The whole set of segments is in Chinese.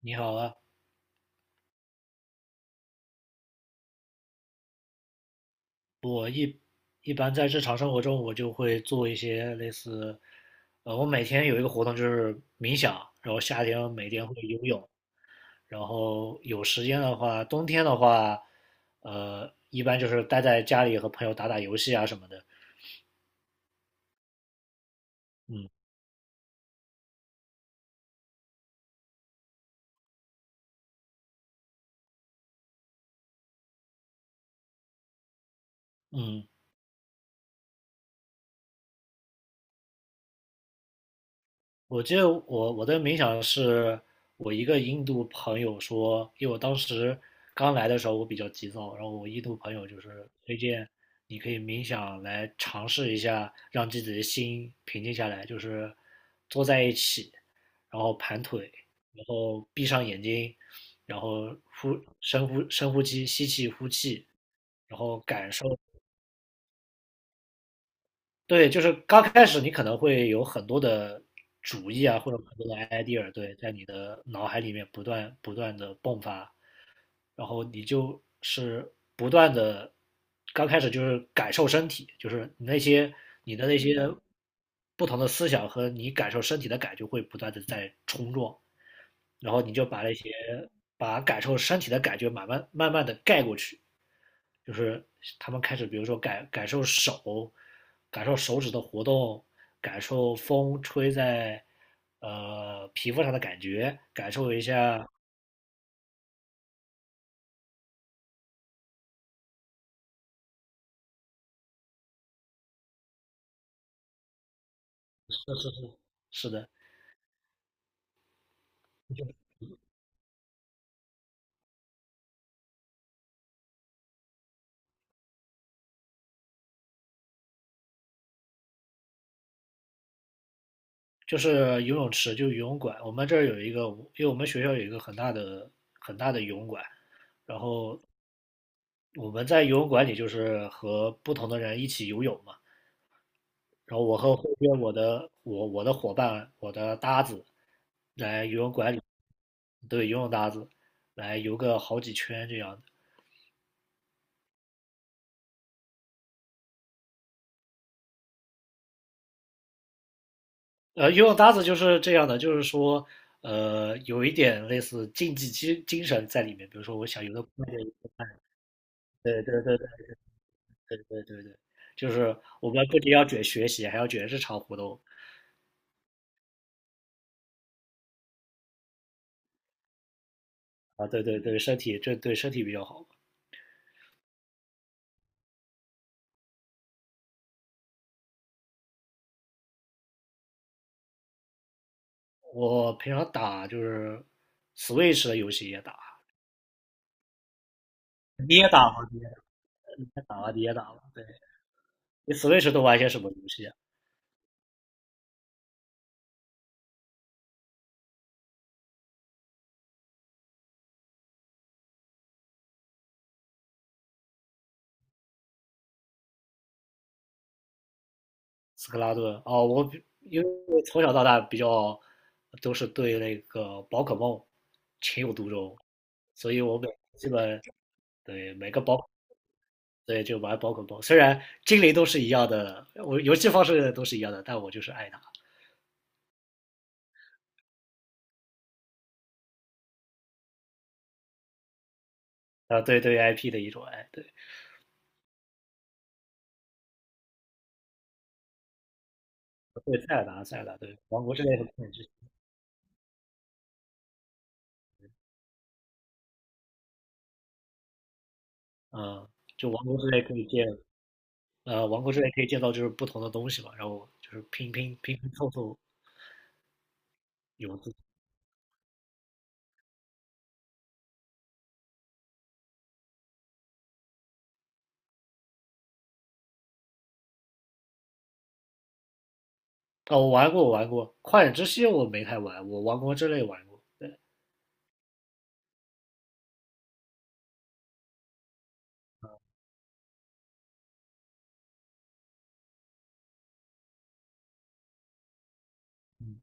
你好啊，一般在日常生活中，我就会做一些类似，我每天有一个活动就是冥想，然后夏天每天会游泳，然后有时间的话，冬天的话，一般就是待在家里和朋友打打游戏啊什么的。嗯嗯，我记得我的冥想是我一个印度朋友说，因为我当时刚来的时候我比较急躁，然后我印度朋友就是推荐你可以冥想来尝试一下，让自己的心平静下来，就是坐在一起，然后盘腿，然后闭上眼睛，然后呼深呼深呼吸，吸气呼气，然后感受。对，就是刚开始你可能会有很多的主意啊，或者很多的 idea，对，在你的脑海里面不断不断的迸发，然后你就是不断的，刚开始就是感受身体，就是你的那些不同的思想和你感受身体的感觉会不断的在冲撞，然后你就把那些把感受身体的感觉慢慢慢慢的盖过去，就是他们开始，比如说感受手，感受手指的活动，感受风吹在皮肤上的感觉，感受一下。是的，就是游泳池，就游泳馆。我们这儿有一个，因为我们学校有一个很大的很大的游泳馆，然后我们在游泳馆里就是和不同的人一起游泳嘛。然后我和后边我的伙伴我的搭子来游泳馆里。对，游泳搭子，来游个好几圈这样的。游泳搭子就是这样的，就是说，有一点类似竞技精神在里面。比如说，我想游的快点。对对对对对对对，就是我们不仅要卷学习，还要卷日常活动。啊，对对对，身体这对身体比较好。我平常打就是 Switch 的游戏也打，你也打吗？你也打吗？你也打吗？你 Switch 都玩些什么游戏啊？斯科拉顿哦，我因为从小到大比较都是对那个宝可梦情有独钟，所以我每基本对每个宝对，就玩宝可梦，虽然精灵都是一样的，我游戏方式都是一样的，但我就是爱它啊，对，对于 IP 的一种爱，对。对塞尔达，对王国之泪很很之嗯，啊，就王国之泪可以建呃王国之泪可以建造就是不同的东西嘛，然后就是拼拼拼拼凑凑。有自哦，我玩过《旷野之息》，我没太玩，我王国之泪玩过。对，嗯，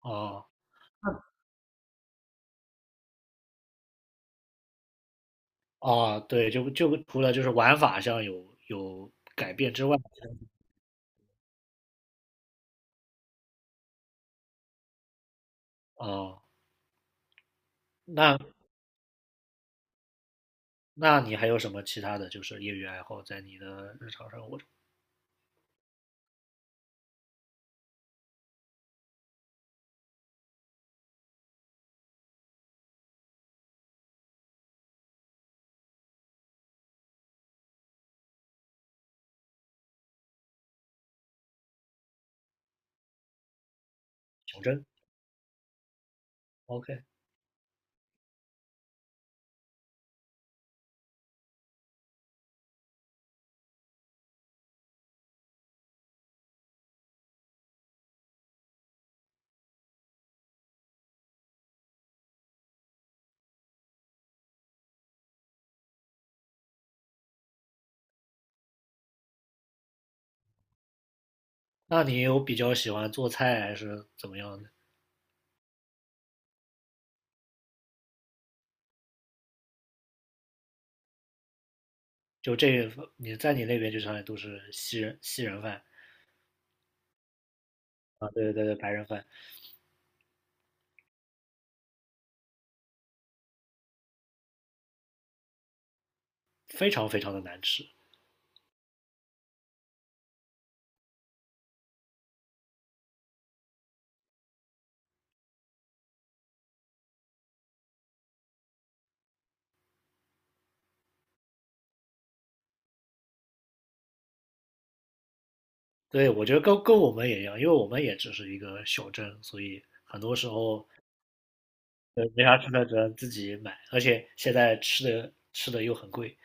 哦哦，对，就除了就是玩法上有改变之外。哦，那那你还有什么其他的就是业余爱好在你的日常生活中？求真？OK，那你有比较喜欢做菜还是怎么样的？就这你在你那边就相当于都是西人饭。啊，对对对，白人饭非常非常的难吃。对，我觉得跟我们也一样，因为我们也只是一个小镇，所以很多时候没啥吃的，只能自己买，而且现在吃的又很贵。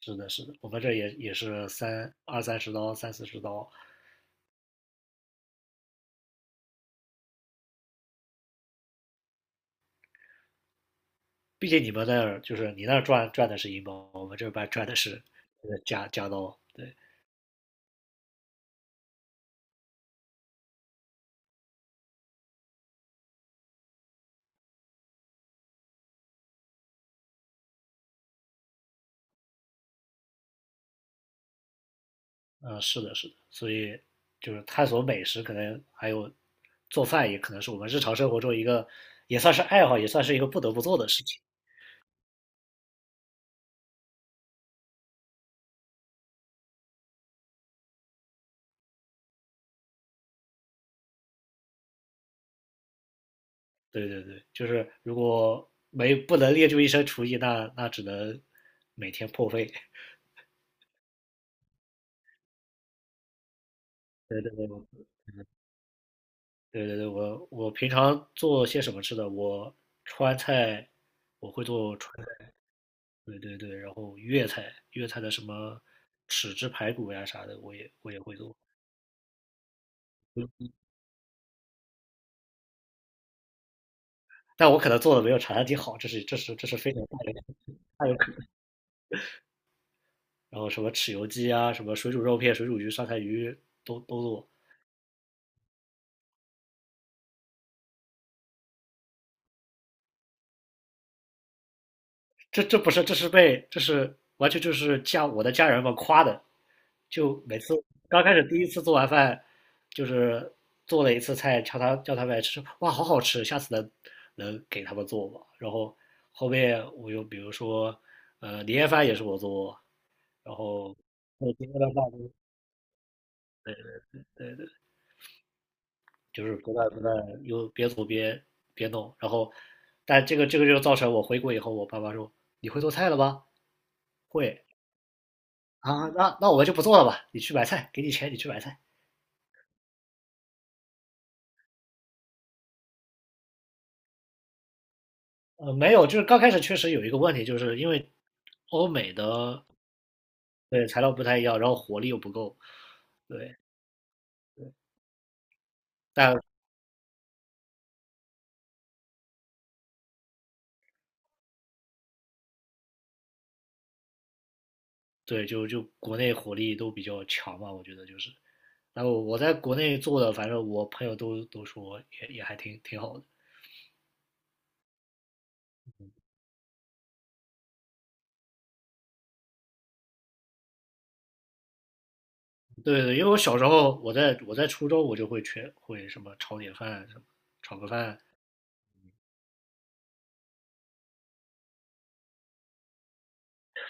是的，是的，我们这也是二三十刀，三四十刀。毕竟你们那儿就是你那儿赚的是英包，我们这边赚的是加刀。对，嗯，是的，是的。所以就是探索美食，可能还有做饭，也可能是我们日常生活中一个也算是爱好，也算是一个不得不做的事情。对对对，就是如果没不能练就一身厨艺，那只能每天破费。对对对对对对，我平常做些什么吃的？川菜我会做川菜，对对对，然后粤菜的什么豉汁排骨呀啥的，我也会做。嗯但我可能做的没有茶餐厅好，这是非常大有可能。然后什么豉油鸡啊，什么水煮肉片、水煮鱼、酸菜鱼都做。这不是，这是完全就是我的家人们夸的，就每次刚开始第一次做完饭，就是做了一次菜，叫他们来吃，哇，好好吃，下次能给他们做吗？然后后面我又比如说，年夜饭也是我做，然后那今天的饭就是不断不断又边做边弄，然后但这个就造成我回国以后，我爸妈说你会做菜了吗？会，啊，那我就不做了吧，你去买菜，给你钱，你去买菜。没有，就是刚开始确实有一个问题，就是因为欧美的对材料不太一样，然后火力又不够，对，但对，就国内火力都比较强嘛，我觉得就是。然后我在国内做的，反正我朋友都说也还挺好的。对对，因为我小时候我在初中我就会会什么炒点饭什么炒个饭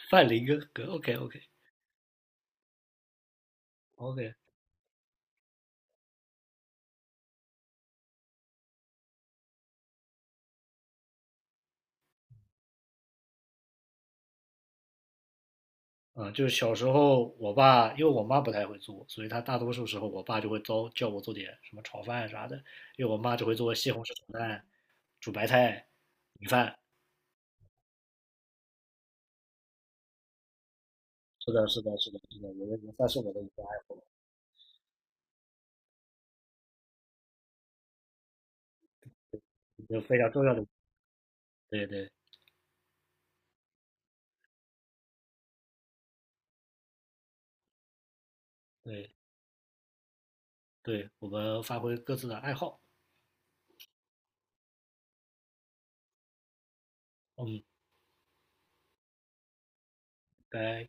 饭林哥哥，OK OK OK，嗯，就是小时候我爸，因为我妈不太会做，所以她大多数时候我爸就会教叫我做点什么炒饭啥的，因为我妈只会做西红柿炒蛋、煮白菜、米饭。是的，是的，是的，是的，我觉得算是我的一个爱好，一个非常重要的。对对对对，我们发挥各自的爱好，嗯，拜。